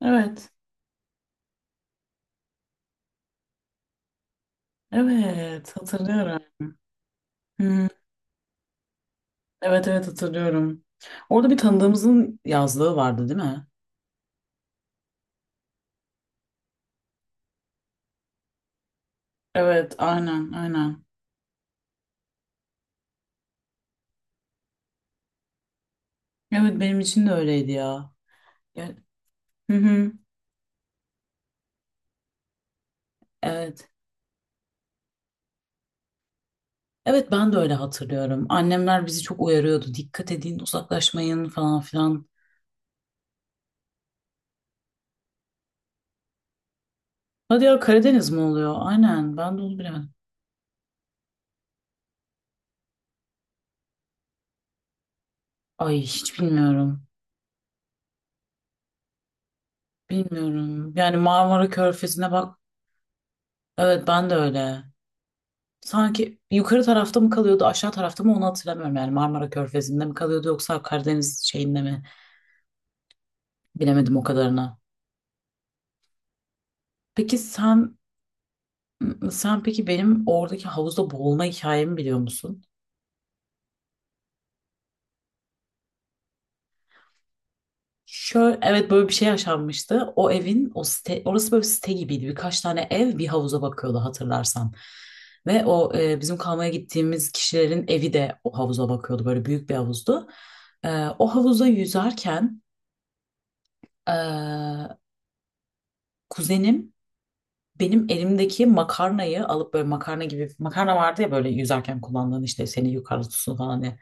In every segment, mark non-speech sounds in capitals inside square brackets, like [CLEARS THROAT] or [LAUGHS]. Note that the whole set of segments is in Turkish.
Evet. Evet. Hatırlıyorum. Hı, Evet, evet, hatırlıyorum. Orada bir tanıdığımızın yazlığı vardı, değil mi? Evet, aynen, aynen. Evet, benim için de öyleydi ya. Gel. Hı hı. Evet. Evet, ben de öyle hatırlıyorum. Annemler bizi çok uyarıyordu. Dikkat edin, uzaklaşmayın falan filan. Hadi ya, Karadeniz mi oluyor? Aynen, ben de onu bilemedim. Ay, hiç bilmiyorum. Bilmiyorum. Yani Marmara Körfezi'ne bak. Evet, ben de öyle. Sanki yukarı tarafta mı kalıyordu, aşağı tarafta mı, onu hatırlamıyorum. Yani Marmara Körfezi'nde mi kalıyordu, yoksa Karadeniz şeyinde mi? Bilemedim o kadarını. Peki sen peki benim oradaki havuzda boğulma hikayemi biliyor musun? Şöyle, evet, böyle bir şey yaşanmıştı. O evin, o site, orası böyle bir site gibiydi. Birkaç tane ev bir havuza bakıyordu, hatırlarsan. Ve o bizim kalmaya gittiğimiz kişilerin evi de o havuza bakıyordu. Böyle büyük bir havuzdu. O havuza yüzerken e, kuzenim benim elimdeki makarnayı alıp, böyle makarna gibi, makarna vardı ya böyle yüzerken kullandığın, işte seni yukarı tutsun falan diye.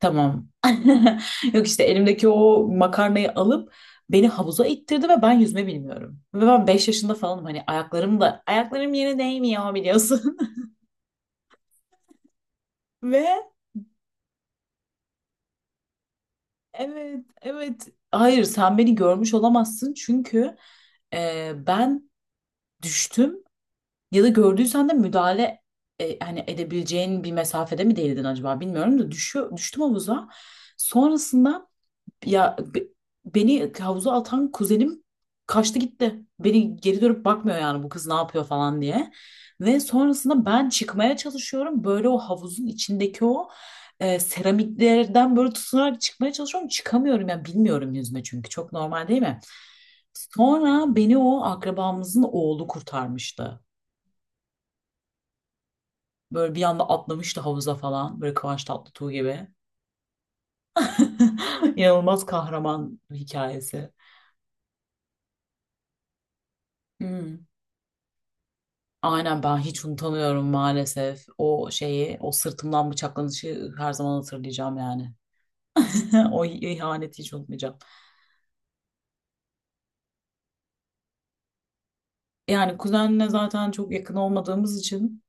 Tamam. [LAUGHS] Yok, işte elimdeki o makarnayı alıp beni havuza ittirdi ve ben yüzme bilmiyorum. Ve ben 5 yaşında falanım, hani ayaklarım yere değmiyor biliyorsun. [LAUGHS] Ve evet, evet, hayır, sen beni görmüş olamazsın çünkü ben düştüm. Ya da gördüysen de müdahale hani edebileceğin bir mesafede mi değildin acaba bilmiyorum da, düştüm havuza. Sonrasında ya, beni havuza atan kuzenim kaçtı gitti. Beni geri dönüp bakmıyor, yani bu kız ne yapıyor falan diye. Ve sonrasında ben çıkmaya çalışıyorum. Böyle o havuzun içindeki o seramiklerden böyle tutunarak çıkmaya çalışıyorum. Çıkamıyorum, yani bilmiyorum yüzme çünkü. Çok normal, değil mi? Sonra beni o akrabamızın oğlu kurtarmıştı. Böyle bir anda atlamıştı havuza falan. Böyle Kıvanç Tatlıtuğ gibi. [LAUGHS] İnanılmaz kahraman hikayesi. Hmm. Aynen, ben hiç unutamıyorum maalesef. O şeyi, o sırtımdan bıçaklanışı her zaman hatırlayacağım yani. [LAUGHS] O ihaneti hiç unutmayacağım. Yani kuzenle zaten çok yakın olmadığımız için,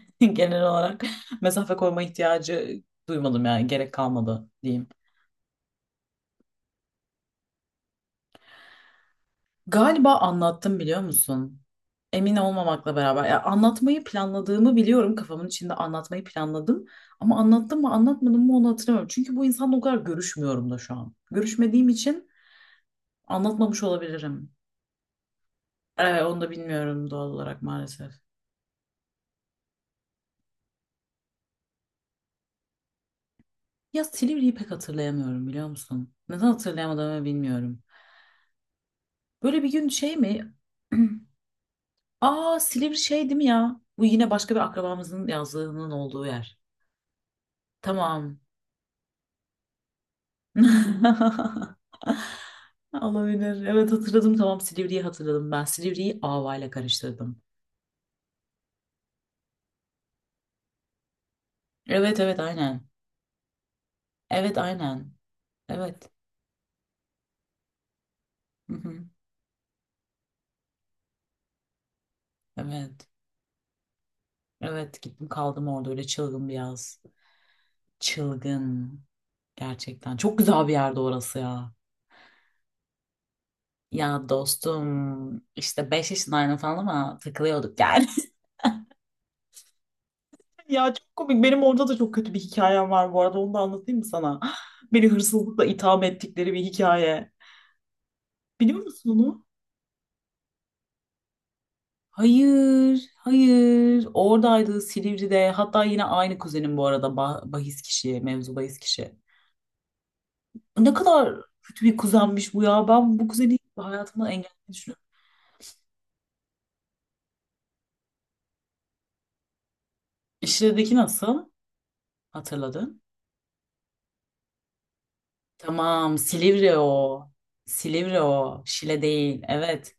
[LAUGHS] genel olarak mesafe koyma ihtiyacı duymadım, yani gerek kalmadı diyeyim. Galiba anlattım, biliyor musun? Emin olmamakla beraber. Ya, anlatmayı planladığımı biliyorum. Kafamın içinde anlatmayı planladım. Ama anlattım mı anlatmadım mı onu hatırlamıyorum. Çünkü bu insanla o kadar görüşmüyorum da şu an. Görüşmediğim için anlatmamış olabilirim. Onu da bilmiyorum doğal olarak maalesef. Ya Silivri'yi pek hatırlayamıyorum, biliyor musun? Neden hatırlayamadığımı bilmiyorum. Böyle bir gün şey mi? [CLEARS THROAT] Aa, Silivri şey değil mi ya? Bu yine başka bir akrabamızın yazlığının olduğu yer. Tamam. [LAUGHS] Olabilir. Evet, hatırladım, tamam, Silivri'yi hatırladım ben. Silivri'yi Ava ile karıştırdım. Evet, evet, aynen. Evet, aynen. Evet. Hı hı. Evet. Evet, gittim kaldım orada, öyle çılgın bir yaz. Çılgın. Gerçekten. Çok güzel bir yerde orası ya. Ya dostum, işte 5 yaşındaydım falan ama takılıyorduk yani. [LAUGHS] Ya çok komik. Benim orada da çok kötü bir hikayem var bu arada. Onu da anlatayım mı sana? [GASPS] Beni hırsızlıkla itham ettikleri bir hikaye. Biliyor musun onu? Hayır, hayır. Oradaydı, Silivri'de. Hatta yine aynı kuzenim, bu arada. Bahis kişi, mevzu bahis kişi. Ne kadar kötü bir kuzenmiş bu ya. Ben bu kuzeni hayatımda engellemeyi düşünüyorum. İşledeki nasıl? Hatırladın? Tamam, Silivri o. Silivri o. Şile değil. Evet.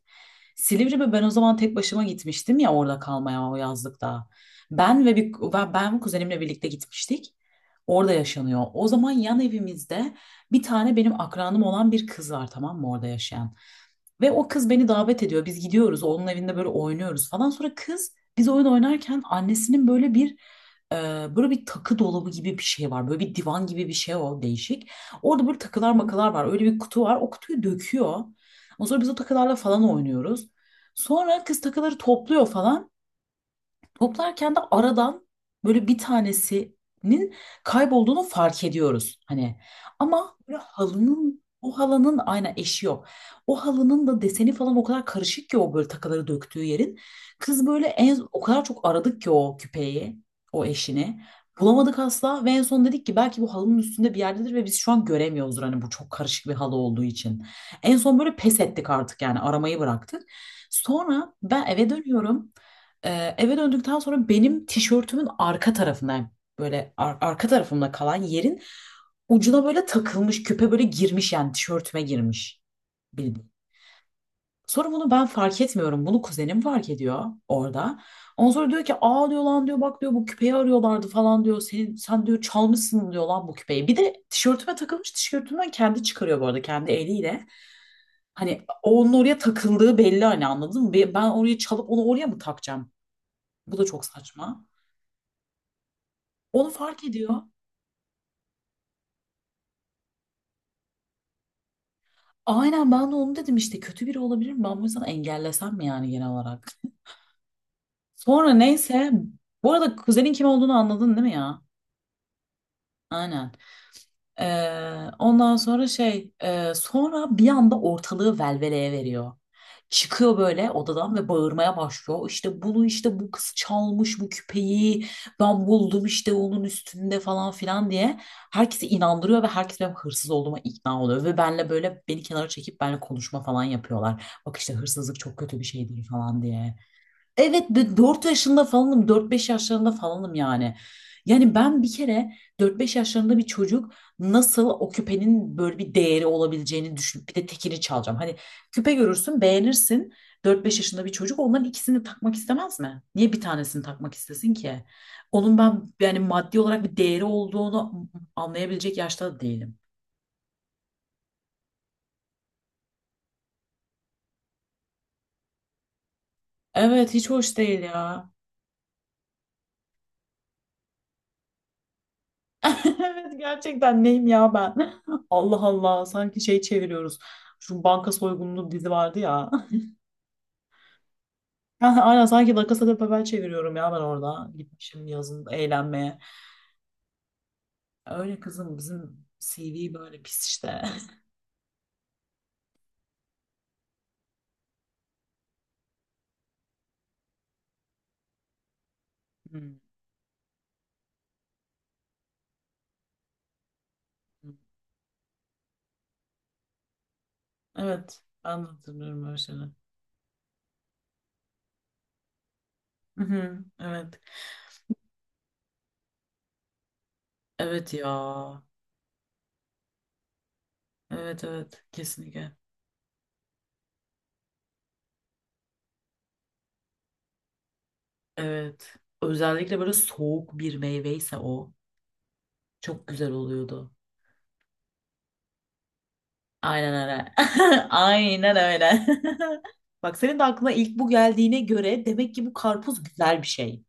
Silivri, ve ben o zaman tek başıma gitmiştim ya, orada kalmaya o yazlıkta. Ben kuzenimle birlikte gitmiştik. Orada yaşanıyor. O zaman yan evimizde bir tane benim akranım olan bir kız var, tamam mı, orada yaşayan. Ve o kız beni davet ediyor. Biz gidiyoruz, onun evinde böyle oynuyoruz falan. Sonra kız, biz oyun oynarken annesinin e, böyle bir takı dolabı gibi bir şey var. Böyle bir divan gibi bir şey, o değişik. Orada böyle takılar makalar var. Öyle bir kutu var. O kutuyu döküyor. Ondan sonra biz o takılarla falan oynuyoruz. Sonra kız takıları topluyor falan. Toplarken de aradan böyle bir tanesinin kaybolduğunu fark ediyoruz hani. Ama böyle halının aynen eşi yok. O halının da deseni falan o kadar karışık ki, o böyle takıları döktüğü yerin. Kız böyle, en, o kadar çok aradık ki o küpeyi, o eşini. Bulamadık asla ve en son dedik ki belki bu halının üstünde bir yerdedir ve biz şu an göremiyoruzdur, hani bu çok karışık bir halı olduğu için. En son böyle pes ettik artık, yani aramayı bıraktık. Sonra ben eve dönüyorum. Eve döndükten sonra benim tişörtümün arka tarafından, böyle arka tarafımda kalan yerin ucuna böyle takılmış küpe, böyle girmiş yani tişörtüme, girmiş bildiğin. Sonra bunu ben fark etmiyorum. Bunu kuzenim fark ediyor orada. Ondan sonra diyor ki, aa diyor, lan diyor, bak diyor, bu küpeyi arıyorlardı falan diyor. Sen diyor çalmışsın diyor lan bu küpeyi. Bir de tişörtüme takılmış, tişörtümden kendi çıkarıyor bu arada, kendi eliyle. Hani onun oraya takıldığı belli, hani anladın mı? Ben oraya çalıp onu oraya mı takacağım? Bu da çok saçma. Onu fark ediyor. Aynen, ben de onu dedim işte, kötü biri olabilir mi? Ben bu yüzden engellesem mi yani genel olarak? Sonra neyse. Bu arada kuzenin kim olduğunu anladın, değil mi ya? Aynen. Ondan sonra sonra bir anda ortalığı velveleye veriyor. Çıkıyor böyle odadan ve bağırmaya başlıyor. İşte bunu işte bu kız çalmış bu küpeyi, ben buldum işte onun üstünde falan filan diye. Herkesi inandırıyor ve herkes benim hırsız olduğuma ikna oluyor. Ve benle, böyle beni kenara çekip benimle konuşma falan yapıyorlar. Bak işte hırsızlık çok kötü bir şeydir falan diye. Evet, 4 yaşında falanım, 4-5 yaşlarında falanım yani. Yani ben bir kere, 4-5 yaşlarında bir çocuk nasıl o küpenin böyle bir değeri olabileceğini düşünüp bir de tekini çalacağım. Hani küpe görürsün, beğenirsin. 4-5 yaşında bir çocuk onların ikisini takmak istemez mi? Niye bir tanesini takmak istesin ki? Onun ben yani maddi olarak bir değeri olduğunu anlayabilecek yaşta da değilim. Evet, hiç hoş değil ya. [LAUGHS] Evet, gerçekten neyim ya ben? [LAUGHS] Allah Allah, sanki şey çeviriyoruz. Şu banka soygunlu dizi vardı ya. [LAUGHS] Ha, aynen, sanki La Casa de Papel çeviriyorum ya ben orada. Gitmişim yazın eğlenmeye. Öyle, kızım bizim CV böyle pis işte. [LAUGHS] Hmm. Evet, ben de hatırlıyorum öyle şeyleri. Hı hı. Evet. Evet ya. Evet, evet, kesinlikle. Evet. Özellikle böyle soğuk bir meyveyse o çok güzel oluyordu. Aynen öyle. [LAUGHS] Aynen öyle. [LAUGHS] Bak, senin de aklına ilk bu geldiğine göre demek ki bu karpuz güzel bir şey.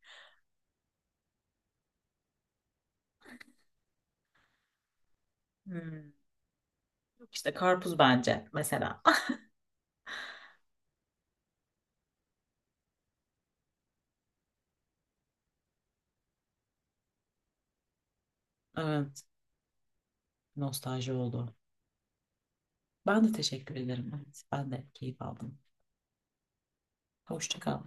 Hmm. Yok işte, karpuz bence mesela. [LAUGHS] Evet, nostalji oldu. Ben de teşekkür ederim. Evet, ben de keyif aldım. Hoşça kal.